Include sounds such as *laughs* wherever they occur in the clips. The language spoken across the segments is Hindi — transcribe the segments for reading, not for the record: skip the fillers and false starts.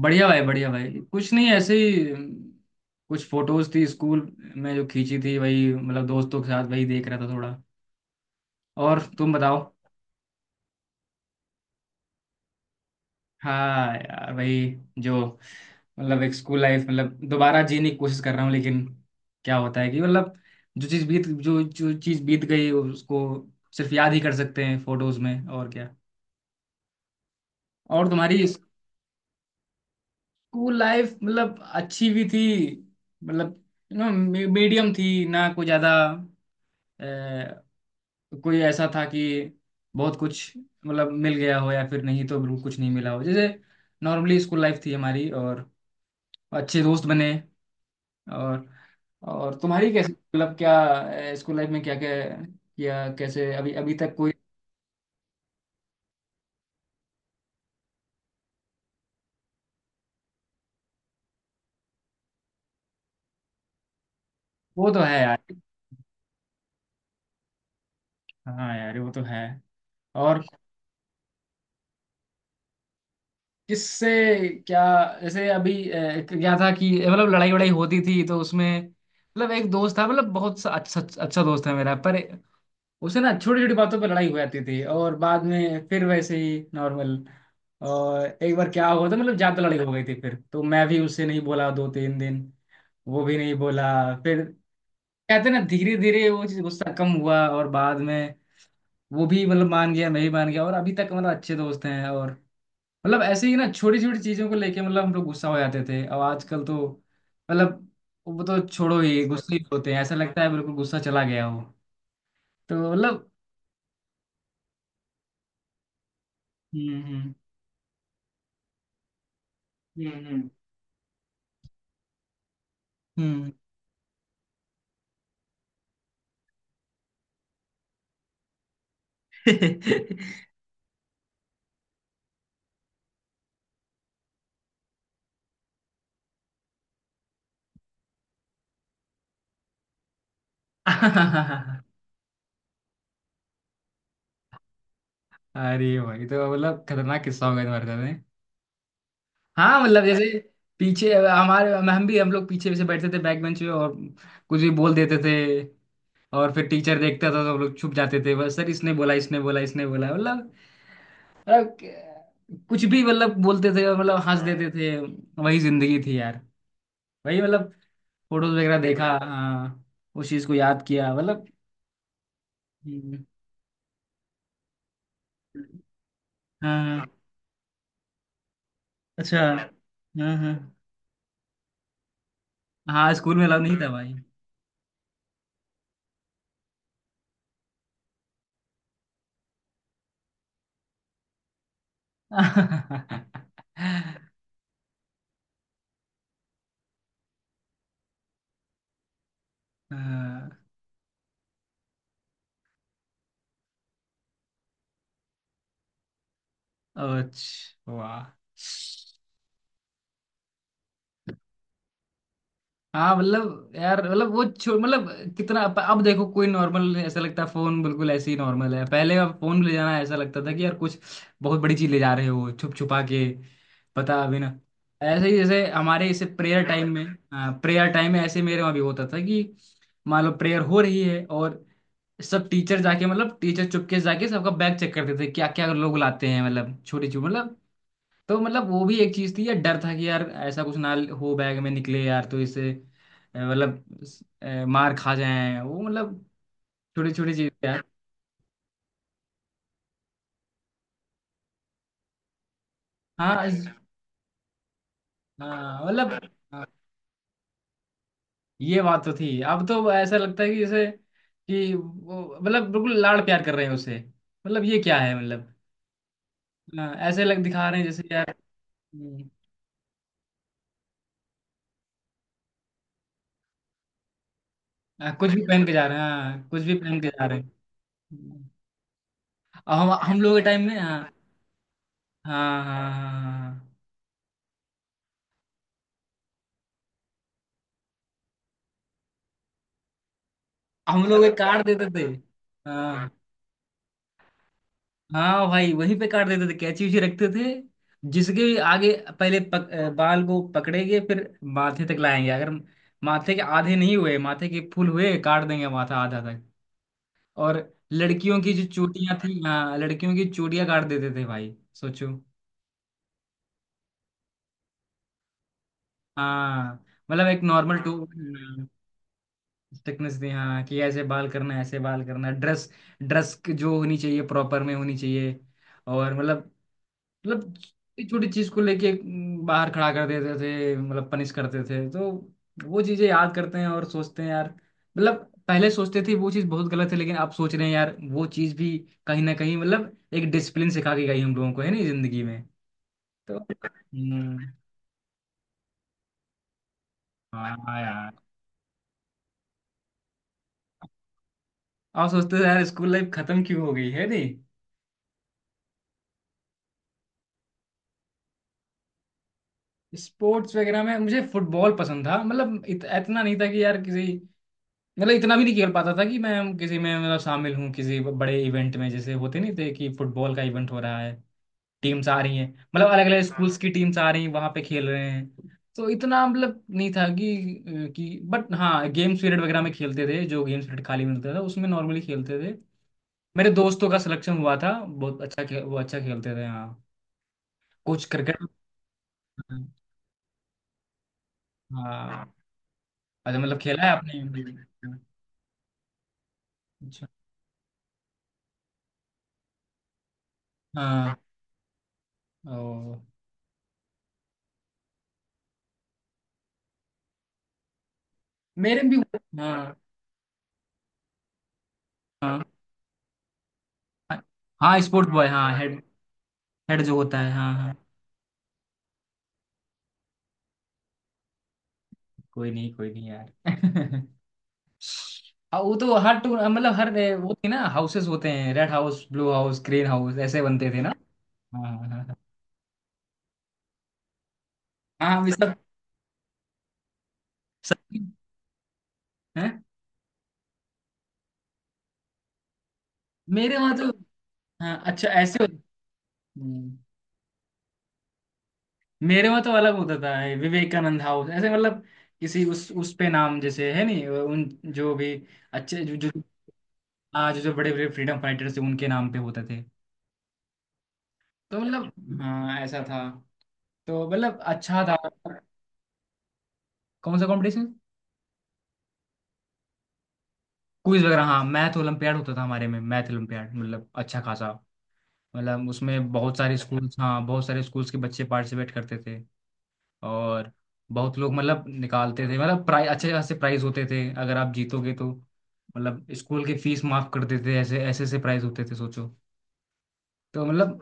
बढ़िया भाई कुछ नहीं ऐसे ही कुछ फोटोज थी स्कूल में जो खींची थी वही मतलब दोस्तों के साथ वही देख रहा था थोड़ा। और तुम बताओ। हाँ यार वही जो मतलब एक स्कूल लाइफ मतलब दोबारा जीने की कोशिश कर रहा हूँ। लेकिन क्या होता है कि मतलब जो चीज़ बीत गई उसको सिर्फ याद ही कर सकते हैं फोटोज में, और क्या। और तुम्हारी स्कूल लाइफ मतलब अच्छी भी थी, मतलब यू नो मीडियम थी ना। कोई ज़्यादा अ, कोई ऐसा था कि बहुत कुछ मतलब मिल गया हो या फिर नहीं तो बिल्कुल कुछ नहीं मिला हो। जैसे नॉर्मली स्कूल लाइफ थी हमारी, और अच्छे दोस्त बने। और और तुम्हारी कैसे मतलब क्या स्कूल लाइफ में क्या क्या किया कैसे अभी अभी तक कोई। वो तो है यार। हाँ यार वो तो है। और किससे क्या? जैसे अभी क्या था कि मतलब लड़ाई वड़ाई होती थी तो उसमें मतलब एक दोस्त था, मतलब अच्छा अच्छा दोस्त है मेरा, पर उसे ना छोटी छोटी बातों पे लड़ाई हो जाती थी और बाद में फिर वैसे ही नॉर्मल। और एक बार क्या हुआ था, मतलब ज्यादा तो लड़ाई हो गई थी फिर तो मैं भी उससे नहीं बोला दो तीन दिन, वो भी नहीं बोला। फिर कहते ना धीरे धीरे वो चीज गुस्सा कम हुआ और बाद में वो भी मतलब मान गया मैं भी मान गया, और अभी तक मतलब अच्छे दोस्त हैं। और मतलब ऐसे ही ना छोटी छोटी चीजों को लेके मतलब हम लोग गुस्सा हो जाते थे, और आजकल तो मतलब वो तो छोड़ो ही, गुस्से ही होते हैं, ऐसा लगता है बिल्कुल गुस्सा चला गया हो। तो मतलब हम्म। हम्म। हम्म हम्म। *laughs* अरे भाई तो मतलब खतरनाक किस्सा हो गया तुम्हारे साथ में। हाँ मतलब जैसे पीछे हमारे हम लोग पीछे से बैठते थे बैक बेंच पे, और कुछ भी बोल देते थे। और फिर टीचर देखता था तो हम लोग छुप जाते थे, बस सर इसने बोला इसने बोला इसने बोला, मतलब मतलब कुछ भी मतलब बोलते थे और मतलब हंस देते थे। वही जिंदगी थी यार, वही मतलब फोटोज वगैरह देखा, हाँ उस चीज को याद किया मतलब। हम्म। हाँ। अच्छा। हाँ, हाँ, हाँ, स्कूल में अलाउ नहीं था भाई। हाँ। अच्छा, वाह। हाँ मतलब यार मतलब मतलब कितना, अब देखो कोई नॉर्मल ऐसा लगता है फोन, बिल्कुल ऐसे ही नॉर्मल है। पहले अब फोन ले जाना ऐसा लगता था कि यार कुछ बहुत बड़ी चीज ले जा रहे हो छुप छुपा के, पता अभी ना। ऐसे ही जैसे हमारे इसे प्रेयर टाइम में। हाँ, प्रेयर टाइम में ऐसे मेरे वहाँ भी होता था कि मान लो प्रेयर हो रही है और सब टीचर जाके मतलब टीचर चुपके से जाके सबका बैग चेक करते थे क्या क्या लोग लाते हैं, मतलब छोटी छोटी मतलब तो मतलब वो भी एक चीज थी यार। डर था कि यार ऐसा कुछ ना हो बैग में, निकले यार तो इससे मतलब मार खा जाए वो, मतलब छोटी छोटी चीज यार। हाँ इस- हाँ मतलब हाँ, ये बात तो थी। अब तो ऐसा लगता है कि जैसे कि वो मतलब बिल्कुल लाड़ प्यार कर रहे हैं उसे, मतलब ये क्या है मतलब। हाँ, ऐसे लग दिखा रहे हैं जैसे यार। हम्म। हाँ, कुछ भी पहन के जा रहे हैं, हाँ कुछ भी पहन के जा रहे हैं। और हम लोग के टाइम में, हाँ, हाँ, हाँ, हाँ, हाँ। हाँ, हाँ। हम लोग एक कार्ड देते थे। हाँ, हाँ भाई वहीं पे कार्ड देते थे, कैची उची रखते थे। जिसके भी आगे, पहले बाल को पकड़ेंगे फिर माथे तक लाएंगे। अगर माथे के आधे नहीं हुए, माथे के फुल हुए, काट देंगे माथा आधा तक। और लड़कियों की जो चूड़ियां थी, हाँ लड़कियों की चूड़ियां काट देते थे भाई, सोचो। हाँ मतलब एक नॉर्मल टू थिकनेस दी, हाँ कि ऐसे बाल करना है, ऐसे बाल करना है, ड्रेस ड्रेस जो होनी चाहिए प्रॉपर में होनी चाहिए, और मतलब मतलब छोटी छोटी चीज को लेके बाहर खड़ा कर देते थे, मतलब पनिश करते थे तो। वो चीजें याद करते हैं और सोचते हैं यार, मतलब पहले सोचते थे वो चीज बहुत गलत है, लेकिन आप सोच रहे हैं यार वो चीज भी कहीं ना कहीं मतलब एक डिसिप्लिन सिखा के गई हम लोगों को है नहीं जिंदगी में। तो हाँ यार। आप सोचते थे यार स्कूल लाइफ खत्म क्यों हो गई है नहीं। स्पोर्ट्स वगैरह में मुझे फुटबॉल पसंद था, मतलब इतना नहीं था कि यार किसी मतलब इतना भी नहीं खेल पाता था कि मैं किसी में मतलब शामिल हूँ किसी बड़े इवेंट में, जैसे होते नहीं थे कि फुटबॉल का इवेंट हो रहा है, टीम्स आ रही हैं, मतलब अलग अलग स्कूल्स, हाँ की टीम्स आ रही हैं वहाँ पे खेल रहे हैं। तो इतना मतलब नहीं था कि बट हाँ गेम्स पीरियड वगैरह में खेलते थे, जो गेम्स पीरियड खाली मिलता था उसमें नॉर्मली खेलते थे। मेरे दोस्तों का सिलेक्शन हुआ था, बहुत अच्छा वो अच्छा खेलते थे हाँ, कुछ क्रिकेट। हाँ, अच्छा मतलब खेला है आपने। अच्छा। हाँ। ओ। मेरे भी। हाँ, हाँ, हाँ, हाँ स्पोर्ट बॉय हाँ हेड, हेड जो होता है हाँ, हाँ। कोई नहीं, कोई नहीं यार। *laughs* हाँ, वो तो हर टूर मतलब हर वो थी ना हाउसेस होते हैं, red house blue house green house ऐसे बनते थे ना। हाँ, हाँ, हाँ, हाँ। हाँ, हम सब सब हैं। मेरे वहाँ तो, हाँ अच्छा हम्म, मेरे वहाँ तो अलग होता था, ये विवेकानंद हाउस, ऐसे मतलब किसी उस पे नाम जैसे है नहीं, उन जो भी अच्छे जो आज जो बड़े बड़े फ्रीडम फाइटर्स थे उनके नाम पे होते थे। तो मतलब हाँ ऐसा था, तो मतलब अच्छा था। कौन सा कंपटीशन? क्विज वगैरह हाँ, मैथ ओलंपियाड होता था हमारे में, मैथ ओलंपियाड मतलब अच्छा खासा, मतलब उसमें बहुत सारे स्कूल्स, हाँ बहुत सारे स्कूल्स के बच्चे पार्टिसिपेट करते थे। और बहुत लोग मतलब निकालते थे, मतलब प्राइज अच्छे खासे प्राइज होते थे, अगर आप जीतोगे तो मतलब स्कूल की फीस माफ कर देते, ऐसे ऐसे ऐसे प्राइज होते थे, सोचो। तो मतलब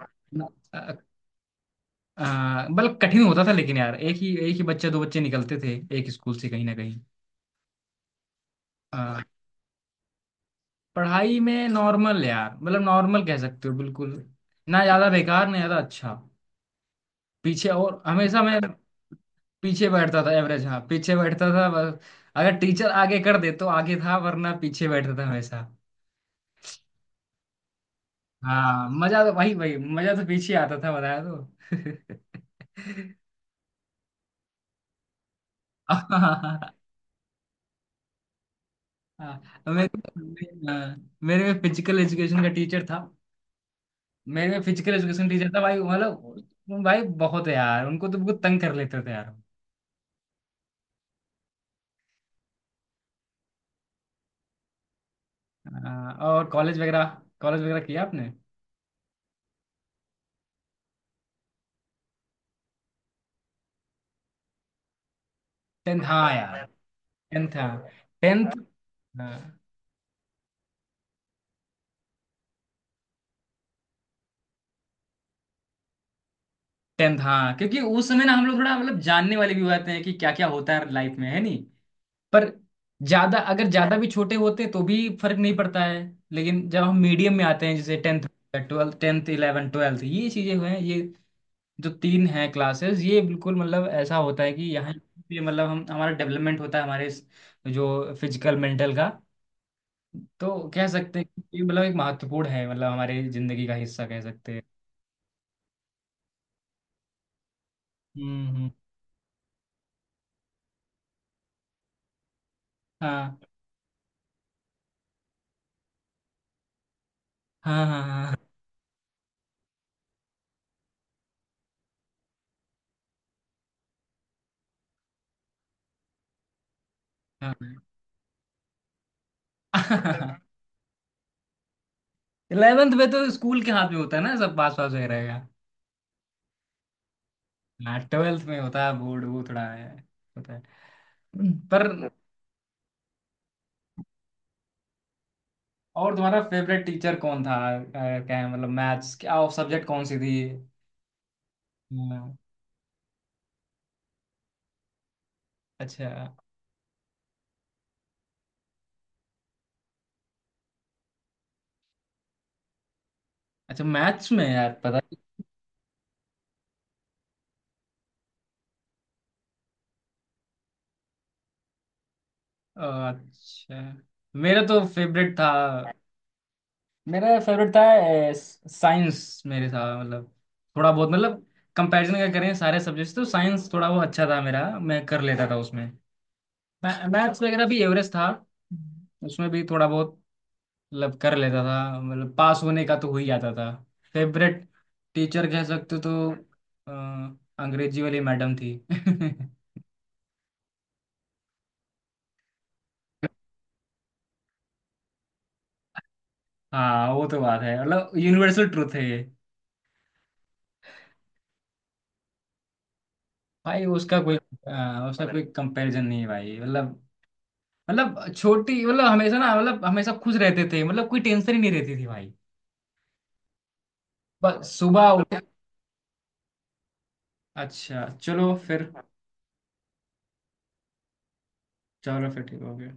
मतलब कठिन होता था, लेकिन यार एक ही बच्चे दो बच्चे निकलते थे एक स्कूल से, कहीं ना कहीं। आ, पढ़ाई में नॉर्मल यार, मतलब नॉर्मल कह सकते हो बिल्कुल, ना ज्यादा बेकार ना ज्यादा अच्छा। पीछे और हमेशा मैं पीछे बैठता था, एवरेज हाँ पीछे बैठता था बस, अगर टीचर आगे कर दे तो आगे था, वरना पीछे बैठता था हमेशा। हाँ मजा तो वही, वही मजा तो पीछे आता था, बताया तो। *laughs* हाँ, मेरे मेरे में फिजिकल एजुकेशन का टीचर था, मेरे फिजिकल एजुकेशन टीचर था भाई, मतलब भाई बहुत है यार, उनको तो बहुत तंग कर लेते थे यार। और कॉलेज वगैरह, कॉलेज वगैरह किया आपने? टेंथ हाँ यार, टेंथ हाँ, टेंथ। हाँ टेंथ, हाँ क्योंकि उस समय ना हम लोग थोड़ा मतलब जानने वाले भी हुए थे हैं कि क्या क्या होता है लाइफ में, है नी। पर ज्यादा, अगर ज्यादा भी छोटे होते तो भी फर्क नहीं पड़ता है। लेकिन जब हम मीडियम में आते हैं जैसे tenth twelfth, tenth eleven twelfth, ये चीजें हुए हैं ये जो तीन हैं क्लासेस, ये बिल्कुल मतलब ऐसा होता है कि यहाँ पे मतलब हम हमारा डेवलपमेंट होता है हमारे जो फिजिकल मेंटल का, तो कह सकते हैं कि ये मतलब एक महत्वपूर्ण है मतलब हमारे जिंदगी का हिस्सा कह सकते हैं। हम्म, हाँ, हाँ, हाँ, हाँ, हाँ। इलेवेंथ *laughs* में तो स्कूल के हाथ में होता है ना सब पास पास वगैरह। हाँ ट्वेल्थ में होता है बोर्ड वो थोड़ा है, होता है। पर और तुम्हारा फेवरेट टीचर कौन था? क्या है मतलब मैथ्स क्या और सब्जेक्ट कौन सी थी? हाँ, अच्छा। अच्छा, मैथ्स में यार पता। अ, अच्छा, मेरा तो फेवरेट था, मेरा फेवरेट था साइंस, मेरे था मतलब थोड़ा बहुत मतलब कंपैरिजन अगर करें सारे सब्जेक्ट्स तो साइंस थोड़ा वो अच्छा था मेरा, मैं कर लेता था उसमें। मैथ्स वगैरह भी एवरेज था, उसमें भी थोड़ा बहुत मतलब कर लेता था, मतलब पास होने का तो हो ही जाता था। फेवरेट टीचर कह सकते हो तो अ, अंग्रेजी वाली मैडम थी। *laughs* हाँ वो तो बात है, मतलब यूनिवर्सल ट्रूथ है ये। भाई उसका कोई उसका कोई कंपैरिजन नहीं है भाई, मतलब मतलब छोटी मतलब हमेशा ना, मतलब हमेशा खुश रहते थे, मतलब कोई टेंशन ही नहीं रहती थी भाई, बस सुबह उठे। अच्छा चलो फिर। चलो फिर ठीक हो गया।